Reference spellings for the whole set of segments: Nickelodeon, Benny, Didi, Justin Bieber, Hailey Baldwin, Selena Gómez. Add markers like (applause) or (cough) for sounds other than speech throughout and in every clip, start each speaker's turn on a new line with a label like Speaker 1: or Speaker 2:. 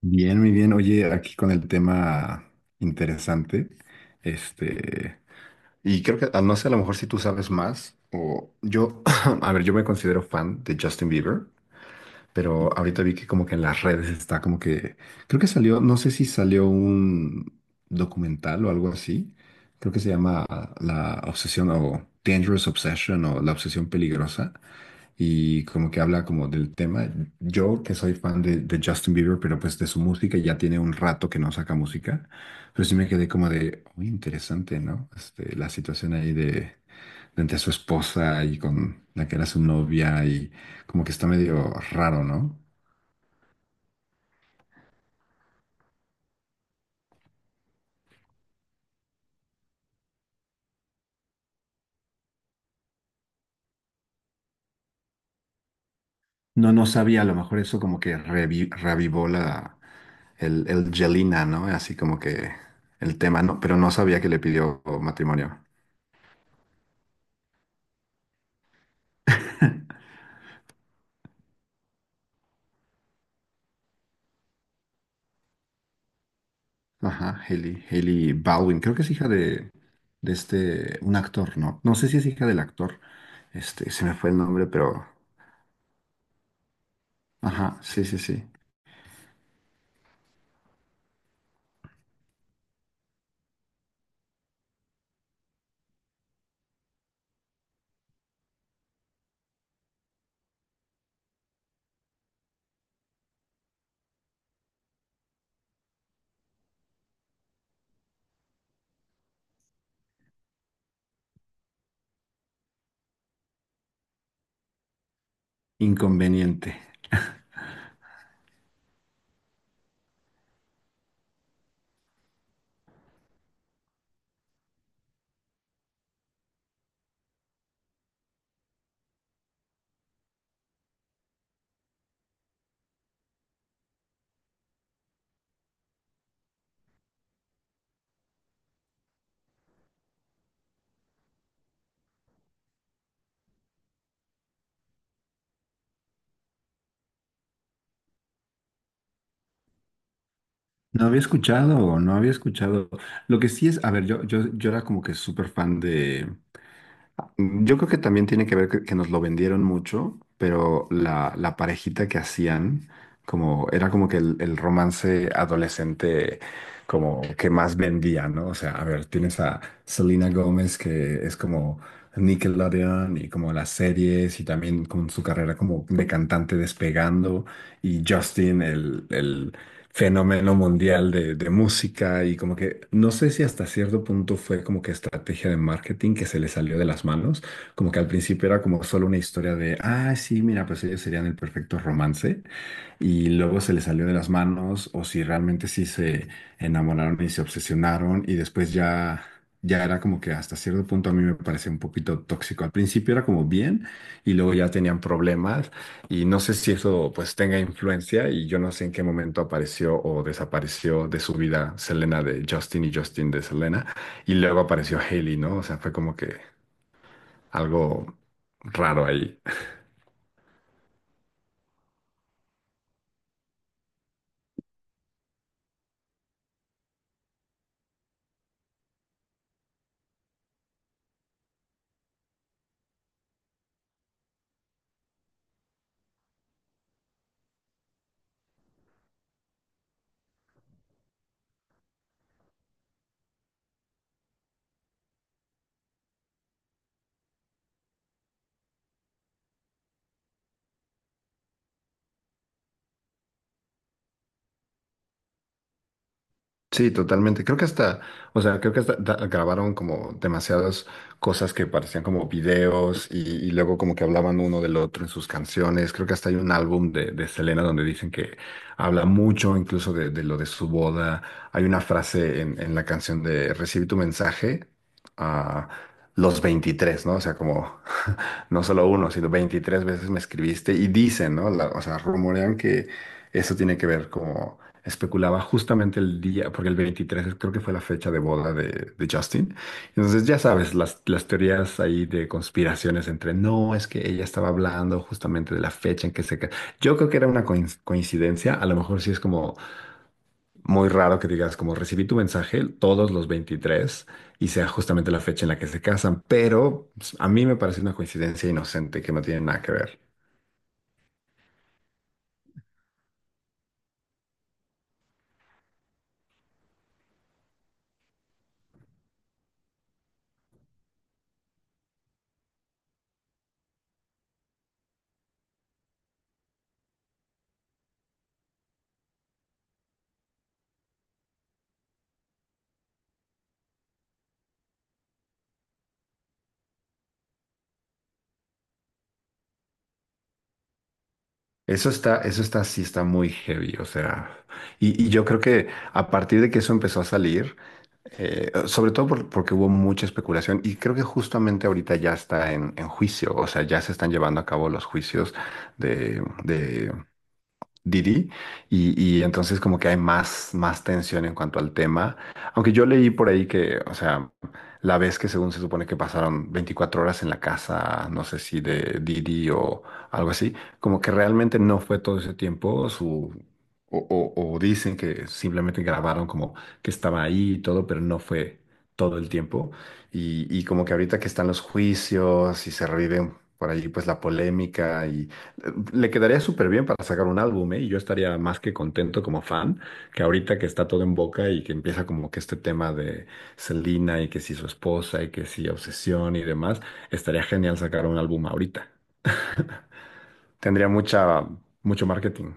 Speaker 1: Bien, muy bien. Oye, aquí con el tema interesante, este, y creo que, no sé, a lo mejor si tú sabes más, o yo, (clears throat) a ver, yo me considero fan de Justin Bieber, pero ahorita vi que como que en las redes está como que, creo que salió, no sé si salió un documental o algo así, creo que se llama La Obsesión o Dangerous Obsession o La Obsesión Peligrosa y como que habla como del tema. Yo que soy fan de Justin Bieber, pero pues de su música, ya tiene un rato que no saca música, pero sí me quedé como de, muy interesante, ¿no? La situación ahí de entre su esposa y con la que era su novia y como que está medio raro, ¿no? No, no sabía, a lo mejor eso como que revivó la, el Jelena, ¿no? Así como que el tema, ¿no? Pero no sabía que le pidió matrimonio. Ajá, Hailey, Hailey Baldwin, creo que es hija de un actor, ¿no? No sé si es hija del actor, se me fue el nombre, pero, ajá, sí, sí, sí, inconveniente. No había escuchado, no había escuchado. Lo que sí es, a ver, yo era como que súper fan de, yo creo que también tiene que ver que nos lo vendieron mucho, pero la parejita que hacían, como era como que el romance adolescente como que más vendía, ¿no? O sea, a ver, tienes a Selena Gómez que es como Nickelodeon y como las series y también con su carrera como de cantante despegando y Justin, el fenómeno mundial de música y como que no sé si hasta cierto punto fue como que estrategia de marketing que se le salió de las manos, como que al principio era como solo una historia de, ah, sí, mira, pues ellos serían el perfecto romance y luego se les salió de las manos o si realmente sí se enamoraron y se obsesionaron y después ya ya era como que hasta cierto punto a mí me parecía un poquito tóxico. Al principio era como bien y luego ya tenían problemas y no sé si eso pues tenga influencia y yo no sé en qué momento apareció o desapareció de su vida Selena de Justin y Justin de Selena y luego apareció Hailey, ¿no? O sea, fue como que algo raro ahí. Sí, totalmente. Creo que hasta, o sea, creo que hasta grabaron como demasiadas cosas que parecían como videos y luego como que hablaban uno del otro en sus canciones. Creo que hasta hay un álbum de Selena donde dicen que habla mucho incluso de lo de su boda. Hay una frase en la canción de Recibí tu mensaje a los 23, ¿no? O sea, como (laughs) no solo uno, sino 23 veces me escribiste y dicen, ¿no? O sea, rumorean que eso tiene que ver como especulaba justamente el día, porque el 23 creo que fue la fecha de boda de Justin. Entonces, ya sabes, las teorías ahí de conspiraciones entre, no, es que ella estaba hablando justamente de la fecha en que se... ca-". Yo creo que era una coincidencia, a lo mejor sí es como muy raro que digas, como recibí tu mensaje todos los 23 y sea justamente la fecha en la que se casan, pero pues, a mí me parece una coincidencia inocente que no tiene nada que ver. Eso está, sí está muy heavy, o sea, y yo creo que a partir de que eso empezó a salir, sobre todo porque hubo mucha especulación, y creo que justamente ahorita ya está en juicio, o sea, ya se están llevando a cabo los juicios de Didi y entonces como que hay más tensión en cuanto al tema. Aunque yo leí por ahí que, o sea, la vez que según se supone que pasaron 24 horas en la casa, no sé si de Didi o algo así, como que realmente no fue todo ese tiempo su... O dicen que simplemente grabaron como que estaba ahí y todo, pero no fue todo el tiempo. Y como que ahorita que están los juicios y se revive por ahí pues la polémica le quedaría súper bien para sacar un álbum, ¿eh? Y yo estaría más que contento como fan, que ahorita que está todo en boca y que empieza como que este tema de Selena y que si su esposa y que si obsesión y demás, estaría genial sacar un álbum ahorita. Tendría mucha, mucho marketing.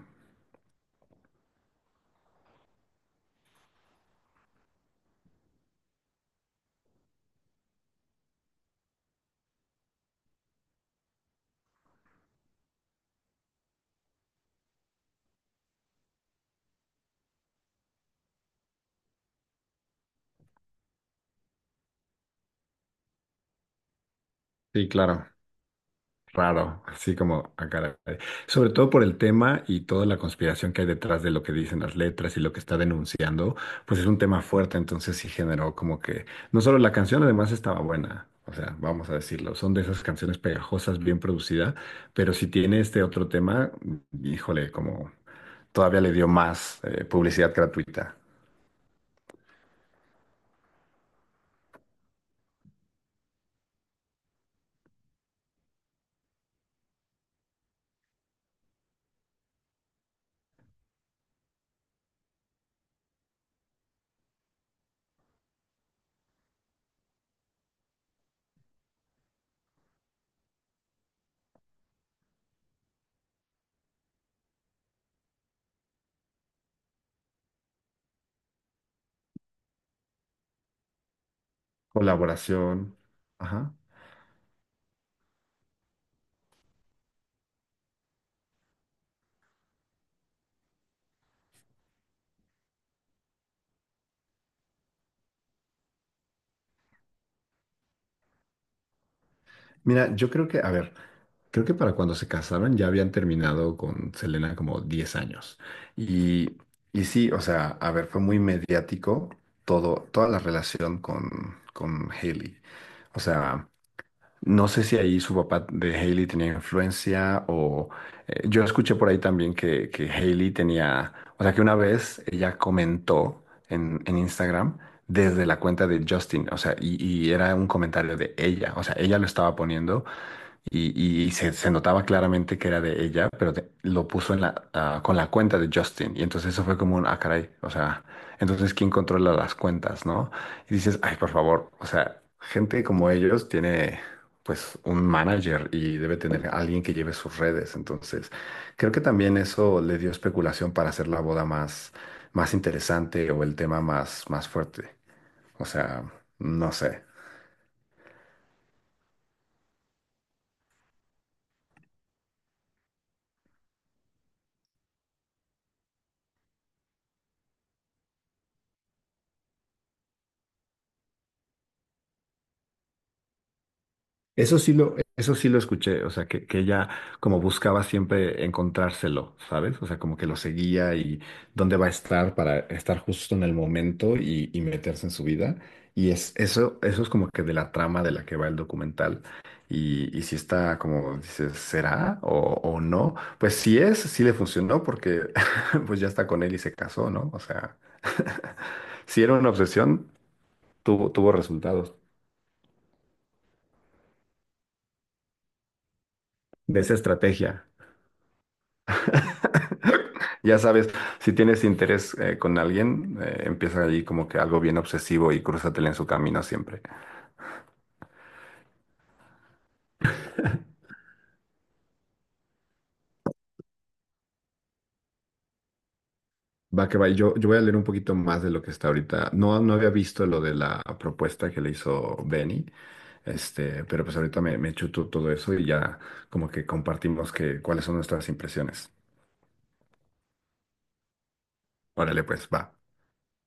Speaker 1: Sí, claro. Raro, así como a caray. Sobre todo por el tema y toda la conspiración que hay detrás de lo que dicen las letras y lo que está denunciando, pues es un tema fuerte, entonces sí generó como que no solo la canción, además estaba buena, o sea, vamos a decirlo, son de esas canciones pegajosas, bien producida, pero si tiene este otro tema, híjole, como todavía le dio más publicidad gratuita, colaboración, ajá. Mira, yo creo que, a ver. Creo que para cuando se casaron ya habían terminado con Selena como 10 años. Y, y sí, o sea, a ver, fue muy mediático todo, toda la relación con Hailey. O sea, no sé si ahí su papá de Hailey tenía influencia o yo escuché por ahí también que Hailey tenía, o sea, que una vez ella comentó en Instagram desde la cuenta de Justin, o sea, y era un comentario de ella, o sea, ella lo estaba poniendo y se notaba claramente que era de ella, pero lo puso en la, ah, con la cuenta de Justin. Y entonces eso fue como un, ah, caray, o sea, entonces ¿quién controla las cuentas, no? Y dices, ay, por favor, o sea, gente como ellos tiene pues un manager y debe tener a alguien que lleve sus redes. Entonces, creo que también eso le dio especulación para hacer la boda más, más interesante o el tema más, más fuerte. O sea, no sé. Eso sí lo escuché, o sea, que ella como buscaba siempre encontrárselo, ¿sabes? O sea, como que lo seguía y dónde va a estar para estar justo en el momento y meterse en su vida. Y eso es como que de la trama de la que va el documental. Y si está como dices, ¿será o no? Pues si es, sí le funcionó porque (laughs) pues ya está con él y se casó, ¿no? O sea, (laughs) si era una obsesión, tuvo resultados de esa estrategia. Ya sabes, si tienes interés con alguien, empieza allí como que algo bien obsesivo y crúzatele en su camino siempre. Va que va, y yo voy a leer un poquito más de lo que está ahorita. No, no había visto lo de la propuesta que le hizo Benny, pero pues ahorita me chuto todo eso y ya como que compartimos cuáles son nuestras impresiones. Órale, pues, va.